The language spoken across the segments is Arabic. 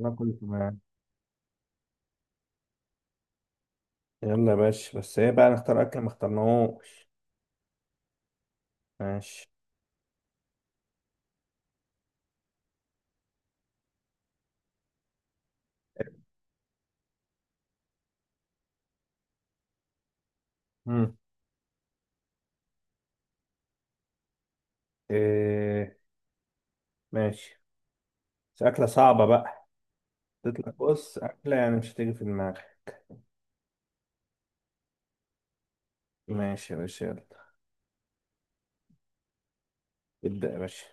انا كنت معاك. يلا يا باشا، بس ايه بقى؟ نختار اكل ما اخترناهوش. ماشي. مم. إيه. ماشي، بس اكله صعبه بقى. تطلع بص اكله يعني مش هتيجي في دماغك. ماشي يا باشا، يلا. ابدا يا باشا.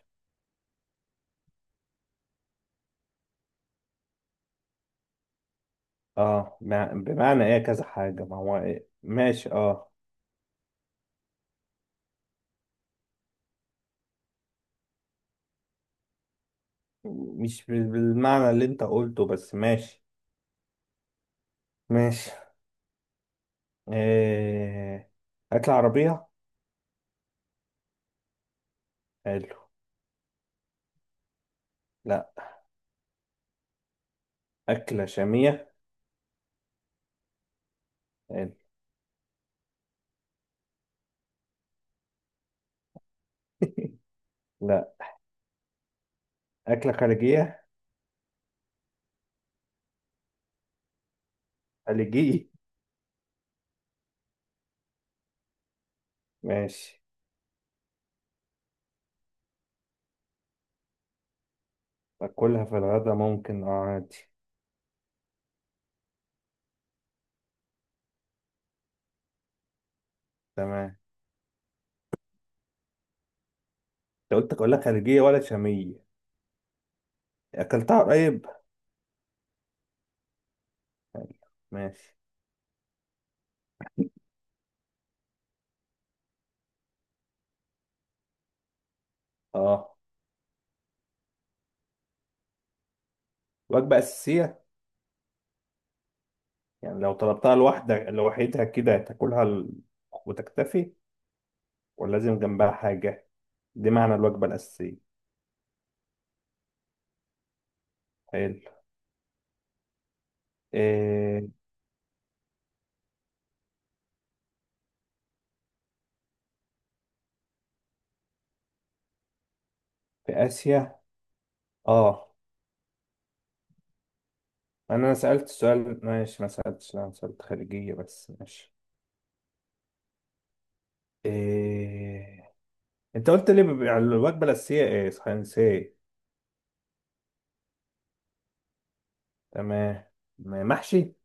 اه، بمعنى ايه كذا حاجه؟ ما هو إيه؟ ماشي، اه. مش بالمعنى اللي انت قلته، بس ماشي. ماشي. إيه. اكله عربيه. حلو. لا. اكله شاميه. حلو. لا. اكله خارجيه. خليجيه. ماشي. أكلها في الغدا ممكن، أه عادي. تمام. أنت قلت أكلها خليجية ولا شامية؟ أكلتها قريب؟ ماشي. أه. وجبة أساسية. يعني لو طلبتها لوحدك لوحدها كده تاكلها وتكتفي، ولا لازم جنبها حاجة؟ دي معنى الوجبة الأساسية. حلو. إيه. في آسيا. أه. أنا سألت السؤال، ماشي، ما سألتش، أنا سألت خليجية بس، ماشي. إيه. أنت قلت لي بيبقى الوجبة الأساسية إيه؟ صحيح نسيت. تمام. محشي.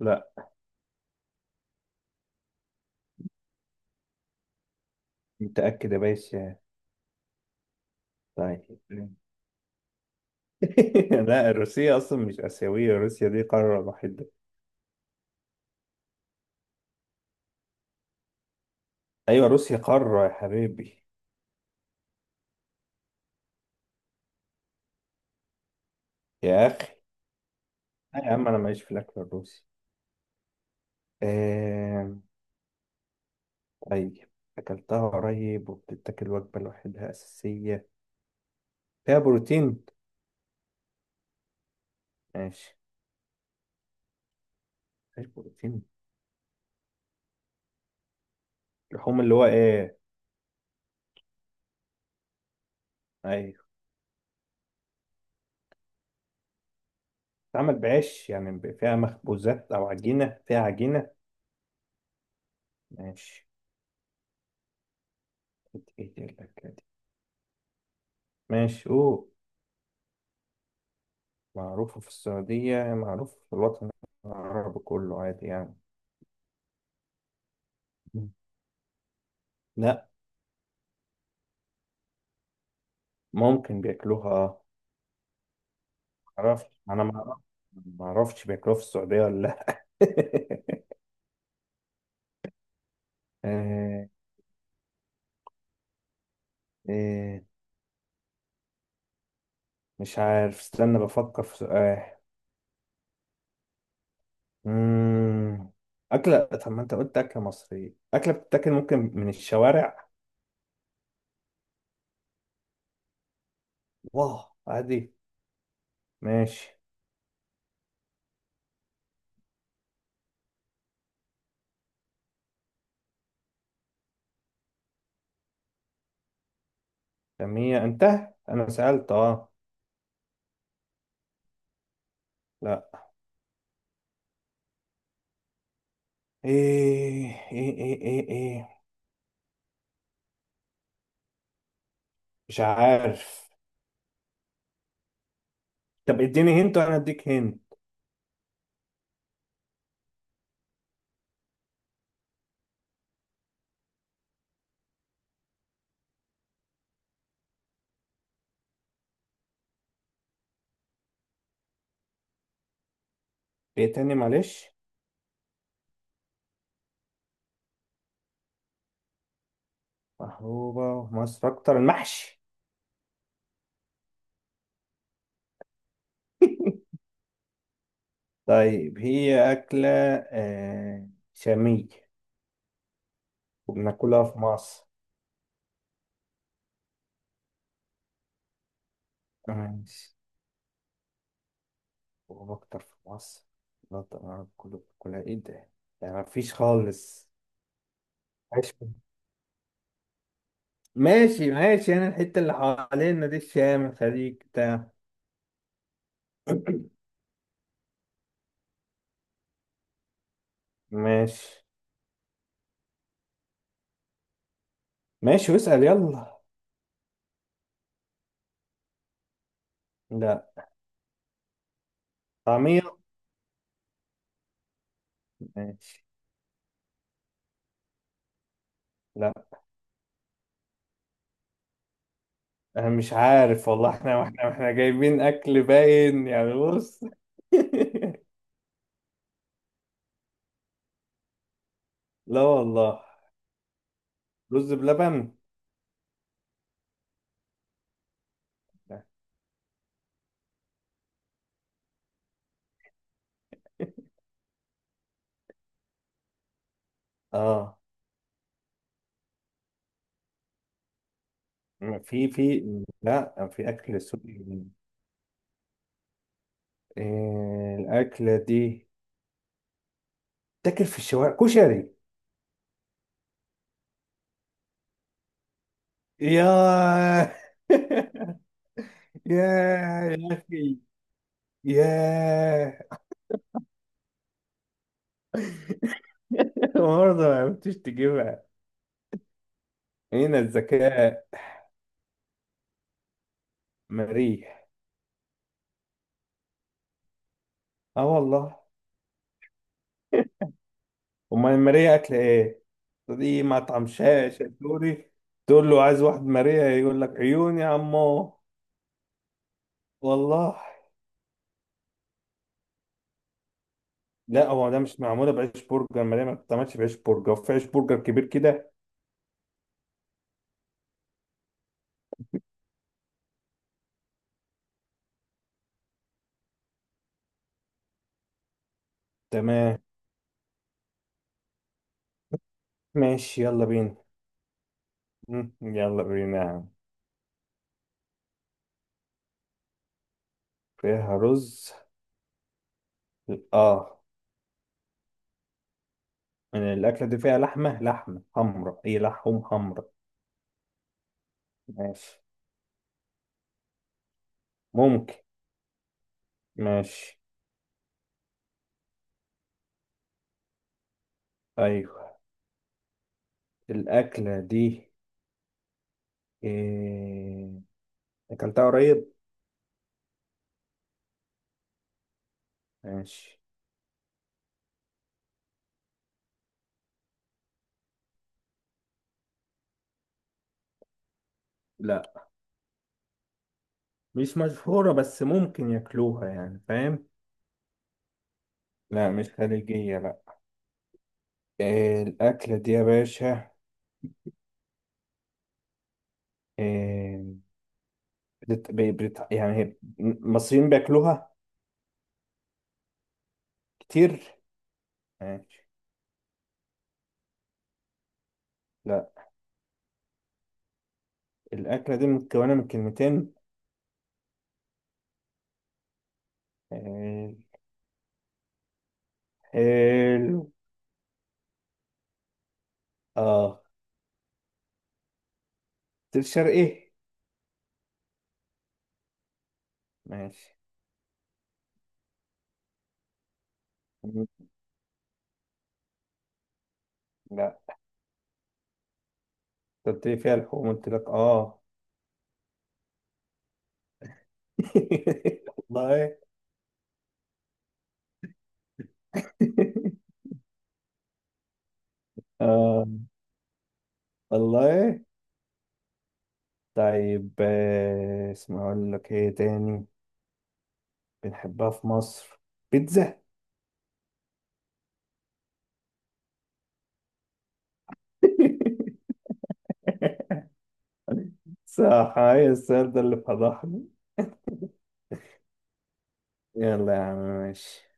لا. متأكد يا باشا. طيب. لا، روسيا اصلا مش اسيويه، روسيا دي قاره لوحدها. ايوه روسيا قاره يا حبيبي. يا اخي. لا يا عم، انا ماليش في الاكل الروسي. آه... طيب، اكلتها قريب وبتتاكل وجبه لوحدها اساسيه. فيها بروتين؟ ماشي. فيها بروتين. اللحوم اللي هو ايه؟ ايوه. بتتعمل بعيش يعني، فيها مخبوزات او عجينه، فيها عجينه؟ ماشي. ايه دي الأكلة دي؟ ماشي، قول. معروفة في السعودية؟ معروفة في الوطن العربي كله عادي يعني. مم. لا. ممكن بياكلوها. معرفش، أنا ما معرفش بياكلوها في السعودية ولا لأ. آه، آه، مش عارف، استنى بفكر في سؤال. مم. أكلة. طب ما أنت قلت أكلة مصرية. أكلة بتتاكل ممكن من الشوارع؟ واه عادي. ماشي. سمية أنت؟ أنا سألت أه. لا. إيه، إيه، إيه، إيه، إيه. مش عارف. طب اديني هنت، وانا اديك هنت. ايه تاني؟ معلش. محبوبة في مصر اكتر؟ المحشي. طيب هي أكلة. آه شامية. وبناكلها في مصر. ماشي. وأكتر في مصر؟ لا طبعا كله. بناكلها، إيه ده؟ يعني مفيش خالص. ماشي، ماشي، ماشي. أنا الحتة اللي حوالينا دي، الشام، الخليج بتاع. ماشي ماشي، واسأل يلا. لا. طعمية. ماشي. لا. انا مش عارف والله، احنا احنا جايبين اكل باين يعني، بص. لا والله. رز بلبن. اه، في، لا، في اكل سوري. إيه الاكله دي؟ تاكل في الشوارع، كشري؟ يا. يا يا اخي، يا. برضه ما عرفتش تجيبها. هنا الذكاء. مريح. اه والله. امال ماريا اكل ايه؟ دي مطعم شاش سوري. تقول له عايز واحد ماريا، يقول لك عيوني يا عمو. والله. لا، هو ده مش معموله بعيش برجر، ماريا ما بتتعملش بعيش برجر، في عيش برجر كبير كده. تمام. ماشي يلا بينا. يلا بينا يا عم. فيها رز؟ اه. الاكله دي فيها لحمه، لحمه حمراء، هي لحوم حمراء؟ ماشي. ممكن. ماشي. ايوه. الاكله دي. إيه... اكلتها قريب؟ ماشي. لا مش مشهورة، بس ممكن ياكلوها يعني، فاهم؟ لا مش خليجية، لا. إيه الأكلة دي يا باشا؟ إيه. يعني المصريين بياكلوها. كتير. ماشي. لا. الأكلة دي متكونة من كلمتين؟ إيه. حلو. اه. قلت لي شرقي؟ ماشي. لا. أنت قلت لي فيها لحوم، قلت لك اه. والله. اه والله. طيب، اسمع، اقول لك ايه تاني. بنحبها في مصر. بيتزا؟ صح، هاي السؤال ده اللي فضحني. يلا يا عم، ماشي.